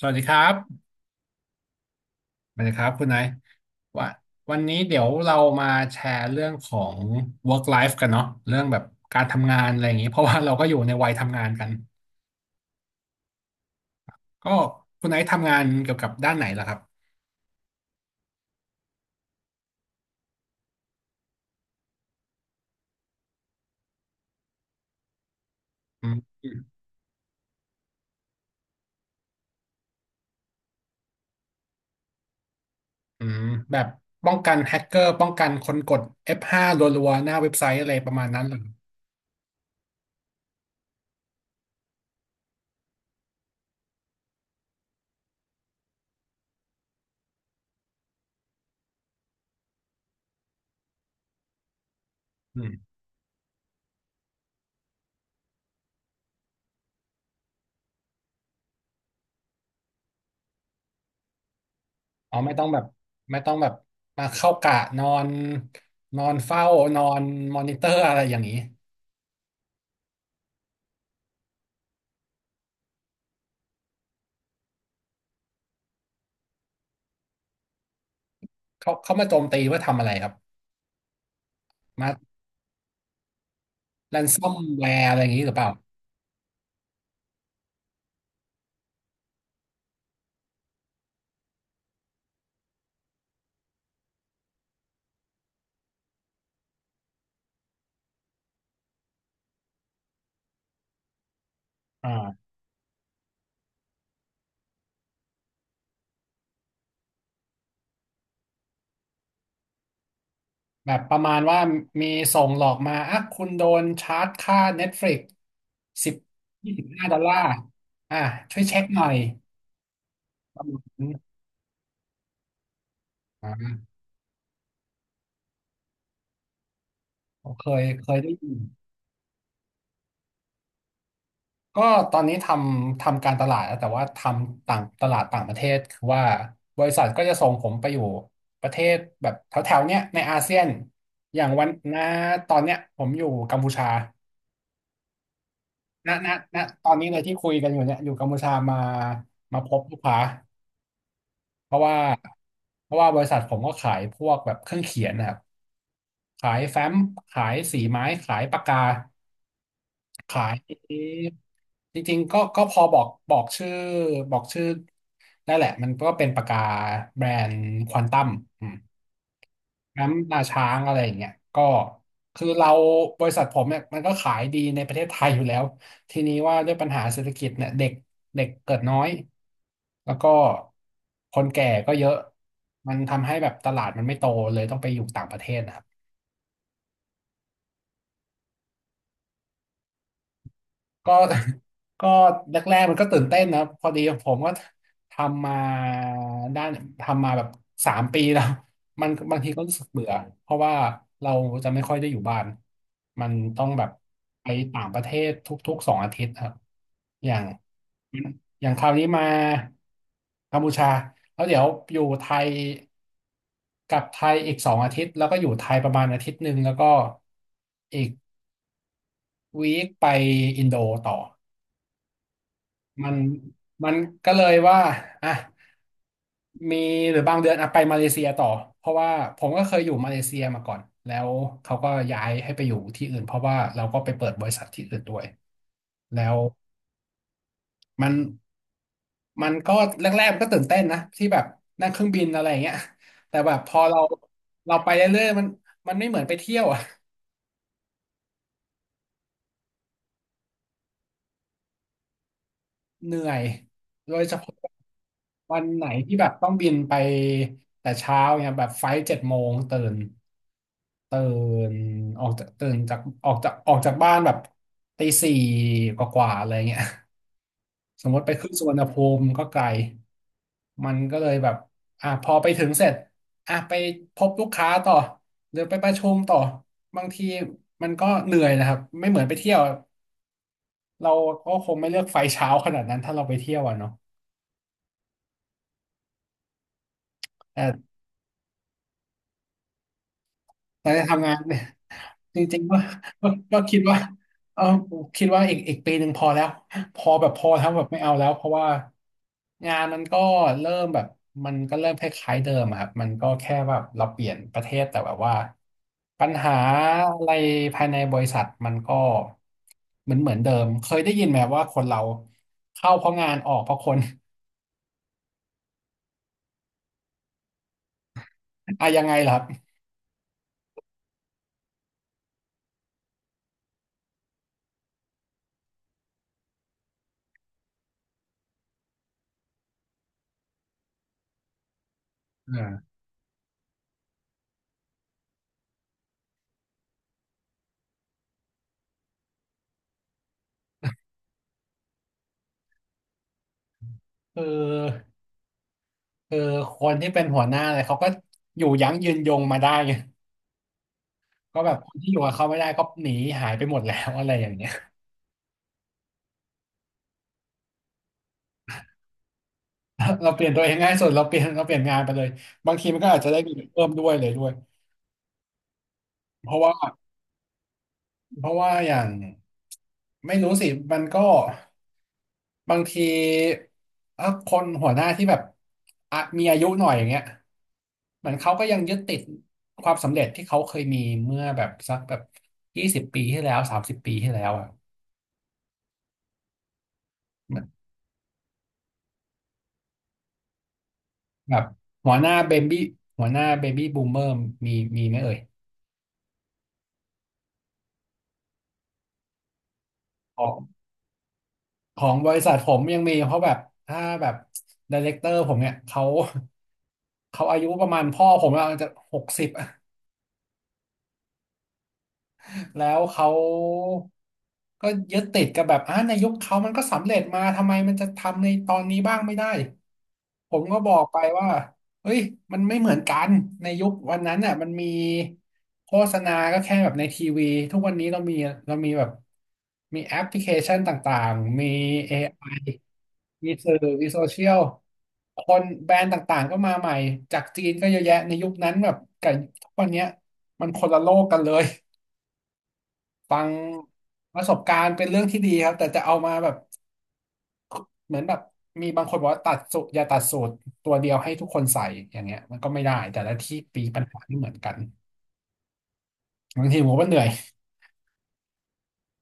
สวัสดีครับสวัสดีครับคุณไนายว่าวันนี้เดี๋ยวเรามาแชร์เรื่องของ work life กันเนาะเรื่องแบบการทำงานอะไรอย่างนี้เพราะว่าเราก็อยู่ในวัยทำงานกันก็คุณไนายทำงานเกี่ยวกับด้านไหนล่ะครับอืมอืมแบบป้องกันแฮกเกอร์ป้องกันคนกด F5 รัวๆหน้าเว็บไซต์อะไรประมาณนั้นเหรออืมอ๋อไม่ต้องแบบไม่ต้องแบบมาเข้ากะนอนนอนเฝ้านอนมอนิเตอร์อะไรอย่างนี้เขามาโจมตีว่าทำอะไรครับ แ a นซ o มแวร์อะไรอย่างนี้หรือเปล่าอ่า แบบประมาณว่ามีส่งหลอกมาอ่ะคุณโดนชาร์จค่า Netflix สิบ25 ดอลลาร์อ่ะช่วยเช็คหน่อยอืมอ่าเคยได้ยินก็ตอนนี้ทำการตลาดแล้วแต่ว่าทำต่างตลาดต่างประเทศคือว่าบริษัทก็จะส่งผมไปอยู่ประเทศแบบแถวๆเนี้ยในอาเซียน อย่างวันนะตอนเนี้ยผมอยู่กัมพูชา ณณณตอนนี้เลยที่คุยกันอยู่เนี่ยอยู่กัมพูชามาพบลูกค้าเพราะว่าเพราะว่าบริษัทผมก็ขายพวกแบบเครื่องเขียนนะครับขายแฟ้มขายสีไม้ขายปากกาขายจริงๆก็พอบอกชื่อได้แหละมันก็เป็นปากกาแบรนด์ควอนตัม น้ำตาช้างอะไรอย่างเงี้ยก็คือเราบริษัทผมเนี่ยมันก็ขายดีในประเทศไทยอยู่แล้วทีนี้ว่าด้วยปัญหาเศรษฐกิจเนี่ยเด็กเด็กเกิดน้อยแล้วก็คนแก่ก็เยอะมันทำให้แบบตลาดมันไม่โตเลยต้องไปอยู่ต่างประเทศนะครับ ก็ ก็แรกๆมันก็ตื่นเต้นนะพอดีผมก็ทำมาด้านทำมาแบบ3 ปีแล้วมันบางทีก็รู้สึกเบื่อเพราะว่าเราจะไม่ค่อยได้อยู่บ้านมันต้องแบบไปต่างประเทศทุกๆสองอาทิตย์ครับอย่างอย่างคราวนี้มากัมพูชาแล้วเดี๋ยวอยู่ไทยกลับไทยอีกสองอาทิตย์แล้วก็อยู่ไทยประมาณอาทิตย์หนึ่งแล้วก็อีกวีคไปอินโดต่อ มันมันก็เลยว่าอ่ะมีหรือบางเดือนอ่ะไปมาเลเซียต่อเพราะว่าผมก็เคยอยู่มาเลเซียมาก่อนแล้วเขาก็ย้ายให้ไปอยู่ที่อื่นเพราะว่าเราก็ไปเปิดบริษัทที่อื่นด้วยแล้วมันมันก็แรกๆมันก็ตื่นเต้นนะที่แบบนั่งเครื่องบินอะไรอย่างเงี้ยแต่แบบพอเราเราไปเรื่อยๆมันไม่เหมือนไปเที่ยวอะเหนื่อยโดยเฉพาะวันไหนที่แบบต้องบินไปแต่เช้าเนี่ยแบบไฟล์7 โมงตื่น ตื่นออกจากตื่นจากออกจากออกจากบ้านแบบตี 4กว่าๆอะไรเงี้ย สมมติไปขึ้นสุวรรณภูมิก็ไกลมันก็เลยแบบอ่ะพอไปถึงเสร็จอ่ะไปพบลูกค้าต่อหรือไปประชุมต่อบางทีมันก็เหนื่อยนะครับไม่เหมือนไปเที่ยวเราก็คงไม่เลือกไฟเช้าขนาดนั้นถ้าเราไปเที่ยวอ่ะเนาะแต่แตอนทำงานเนี่ย จริงๆว่าก็คิดว่าเออคิดว่าอีกปีหนึ่งพอแล้วพอแล้วแบบไม่เอาแล้วเพราะว่างานมันก็เริ่มแบบมันก็เริ่มคล้ายๆเดิมอะครับมันก็แค่แบบเราเปลี่ยนประเทศแต่แบบว่าปัญหาอะไรภายในบริษัทมันก็เหมือนเดิมเคยได้ยินไหมว่าคนเราเข้าเพราะงานออกเพราะคน อะยังไงล่ะครับอ่าคือคือคนที่เป็นหัวหน้าเลยเขาก็อยู่ยั้งยืนยงมาได้ ก็แบบคนที่อยู่กับเขาไม่ได้ก็หนีหายไปหมดแล้ว อะไรอย่างเงี้ย เราเปลี่ยนตัวเองง่ายสุดเราเปลี่ยน เราเปลี่ยนงานไปเลยบางทีมันก็อาจจะได้เงินเพิ่มด้วยเลยด้วยเพราะว่าเพราะว่าอย่างไม่รู้สิมันก็บางทีถ้าคนหัวหน้าที่แบบอ่ะมีอายุหน่อยอย่างเงี้ยเหมือนเขาก็ยังยึดติดความสำเร็จที่เขาเคยมีเมื่อแบบสักแบบ20 ปีที่แล้ว30 ปีที่แล้วอ่ะหแบบหัวหน้าเบบี้หัวหน้าเบบี้บูมเมอร์มีมีไหมเอ่ย ของของบริษัทผมยังมีเพราะแบบถ้าแบบไดเรคเตอร์ผมเนี่ยเขาอายุประมาณพ่อผมอาจจะ60 แล้วเขาก็ยึดติดกับแบบในยุคเขามันก็สำเร็จมาทำไมมันจะทำในตอนนี้บ้างไม่ได้ผมก็บอกไปว่าเฮ้ยมันไม่เหมือนกันในยุควันนั้นน่ะมันมีโฆษณาก็แค่แบบในทีวีทุกวันนี้เรามีเรามีแบบมีแอปพลิเคชันต่างๆมี AI มีสื่อมีโซเชียลคนแบรนด์ต่างๆก็มาใหม่จากจีนก็เยอะแยะในยุคนั้นแบบกับทุกวันเนี้ยมันคนละโลกกันเลยฟังประสบการณ์เป็นเรื่องที่ดีครับแต่จะเอามาแบบเหมือนแบบมีบางคนบอกว่าตัดสูตรอย่าตัดสูตรตัวเดียวให้ทุกคนใส่อย่างเงี้ยมันก็ไม่ได้แต่ละที่ปีปัญหาไม่เหมือนกันบางทีผมก็เหนื่อย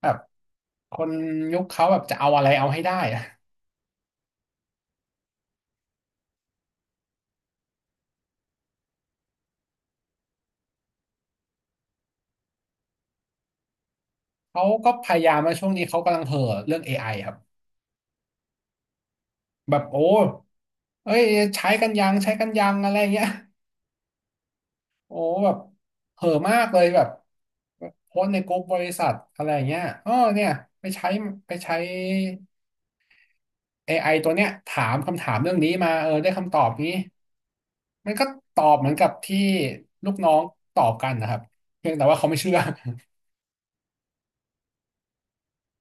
แบบคนยุคเขาแบบจะเอาอะไรเอาให้ได้อะเขาก็พยายามมาช่วงนี้เขากำลังเห่อเรื่องเอไ i ครับ แบบโอ้เอ้ยใช้กันยังใช้กันยังอะไรเงี้ย โอ้แบบเห่อะมากเลยแบบโพสต์ในกลุ่มบริษัทอะไรเงี้ยอ๋อเนี่ยไปใช้ไปใช้ AI ตัวเนี้ยถามคำถามเรื่องนี้มาเออได้คำตอบนี้มันก็ตอบเหมือนกับที่ลูกน้องตอบกันนะครับเพียงแต่ว่าเขาไม่เชื่อ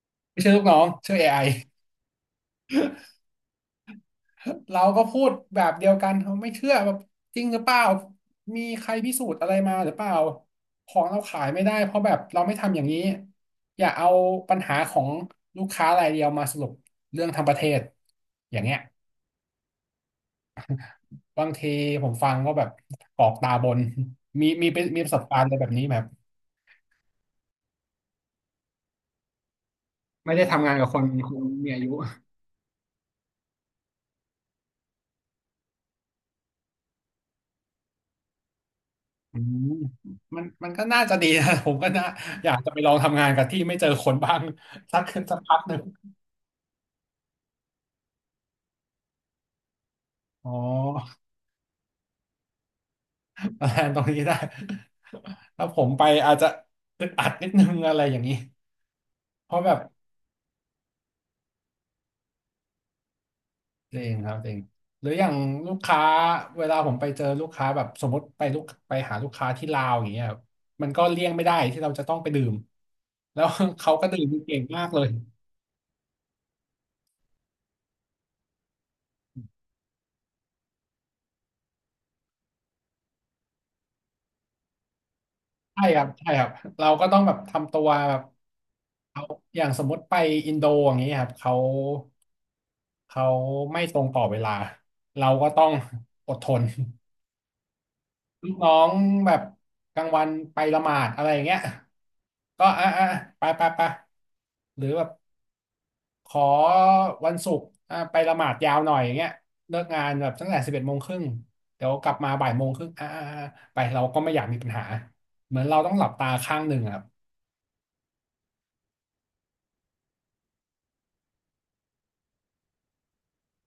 ไม่เชื่อลูกน้องเชื่อเอไอ เราก็พูดแบบเดียวกันเขาไม่เชื่อแบบจริงหรือเปล่ามีใครพิสูจน์อะไรมาหรือเปล่าของเราขายไม่ได้เพราะแบบเราไม่ทำอย่างนี้อย่าเอาปัญหาของลูกค้ารายเดียวมาสรุปเรื่องทั้งประเทศอย่างเงี้ยบางทีผมฟังก็แบบกรอกตาบนมีเป็นมีประสบการณ์อะไรแบบนี้ไบมบไม่ได้ทำงานกับคนคนมีอายุอืมมันก็น่าจะดีนะ ผมก็น่าอยากจะไปลองทำงานกับที่ไม่เจอคนบ้างสักสักพักหนึ่งอ๋อ แทนตรงนี้ได้ ถ้าผมไปอาจจะอึดอัดนิดนึงอะไรอย่างนี้เพราะแบบจริงครับจริงหรืออย่างลูกค้าเวลาผมไปเจอลูกค้าแบบสมมติไปลูกไปหาลูกค้าที่ลาวอย่างเงี้ยครับมันก็เลี่ยงไม่ได้ที่เราจะต้องไปดื่มแล้ว เขาก็ดื่มเก่งมากเลยใช่ครับใช่ครับเราก็ต้องแบบทำตัวแบบเขาอย่างสมมติไปอินโดอย่างเงี้ยครับเขาไม่ตรงต่อเวลาเราก็ต้องอดทน ลูกน้องแบบกลางวันไปละหมาดอะไรอย่างเงี้ยก็อ่ะอ่ะไปไปไปหรือแบบขอวันศุกร์อ่ะไปละหมาดยาวหน่อยอย่างเงี้ยเลิกงานแบบตั้งแต่สิบเอ็ดโมงครึ่งเดี๋ยวกลับมาบ่ายโมงครึ่งอ่ะอ่ะอ่ะไปเราก็ไม่อยากมีปัญหาเหมือนเราต้องหลับตาข้างหนึ่งอะ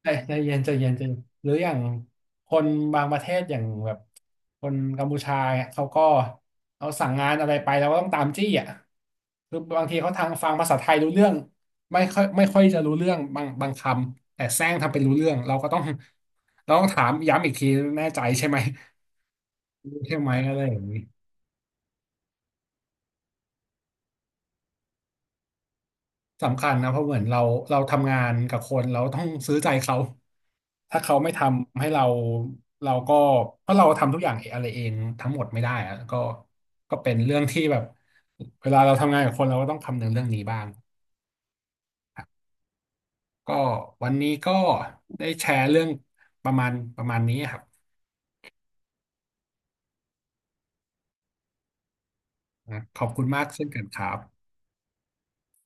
ใจเย็นใจเย็นใจเย็นหรืออย่างคนบางประเทศอย่างแบบคนกัมพูชาเนี่ยเขาก็เอาสั่งงานอะไรไปแล้วก็ต้องตามจี้อ่ะคือบางทีเขาทางฟังภาษาไทยรู้เรื่องไม่ค่อยไม่ค่อยจะรู้เรื่องบางคำแต่แซงทำเป็นรู้เรื่องเราก็ต้องเราต้องถามย้ำอีกทีแน่ใจใช่ไหมรู้ใช่ไหมอะไรอย่างนี้ สำคัญนะเพราะเหมือนเราทำงานกับคนเราต้องซื้อใจเขาถ้าเขาไม่ทำให้เราเราก็เพราะเราทำทุกอย่างเองอะไรเองทั้งหมดไม่ได้อะก็เป็นเรื่องที่แบบเวลาเราทำงานกับคนเราก็ต้องคำนึงเรื่องนี้บ้างก็วันนี้ก็ได้แชร์เรื่องประมาณนี้ครับนะขอบคุณมากเช่นกันครับ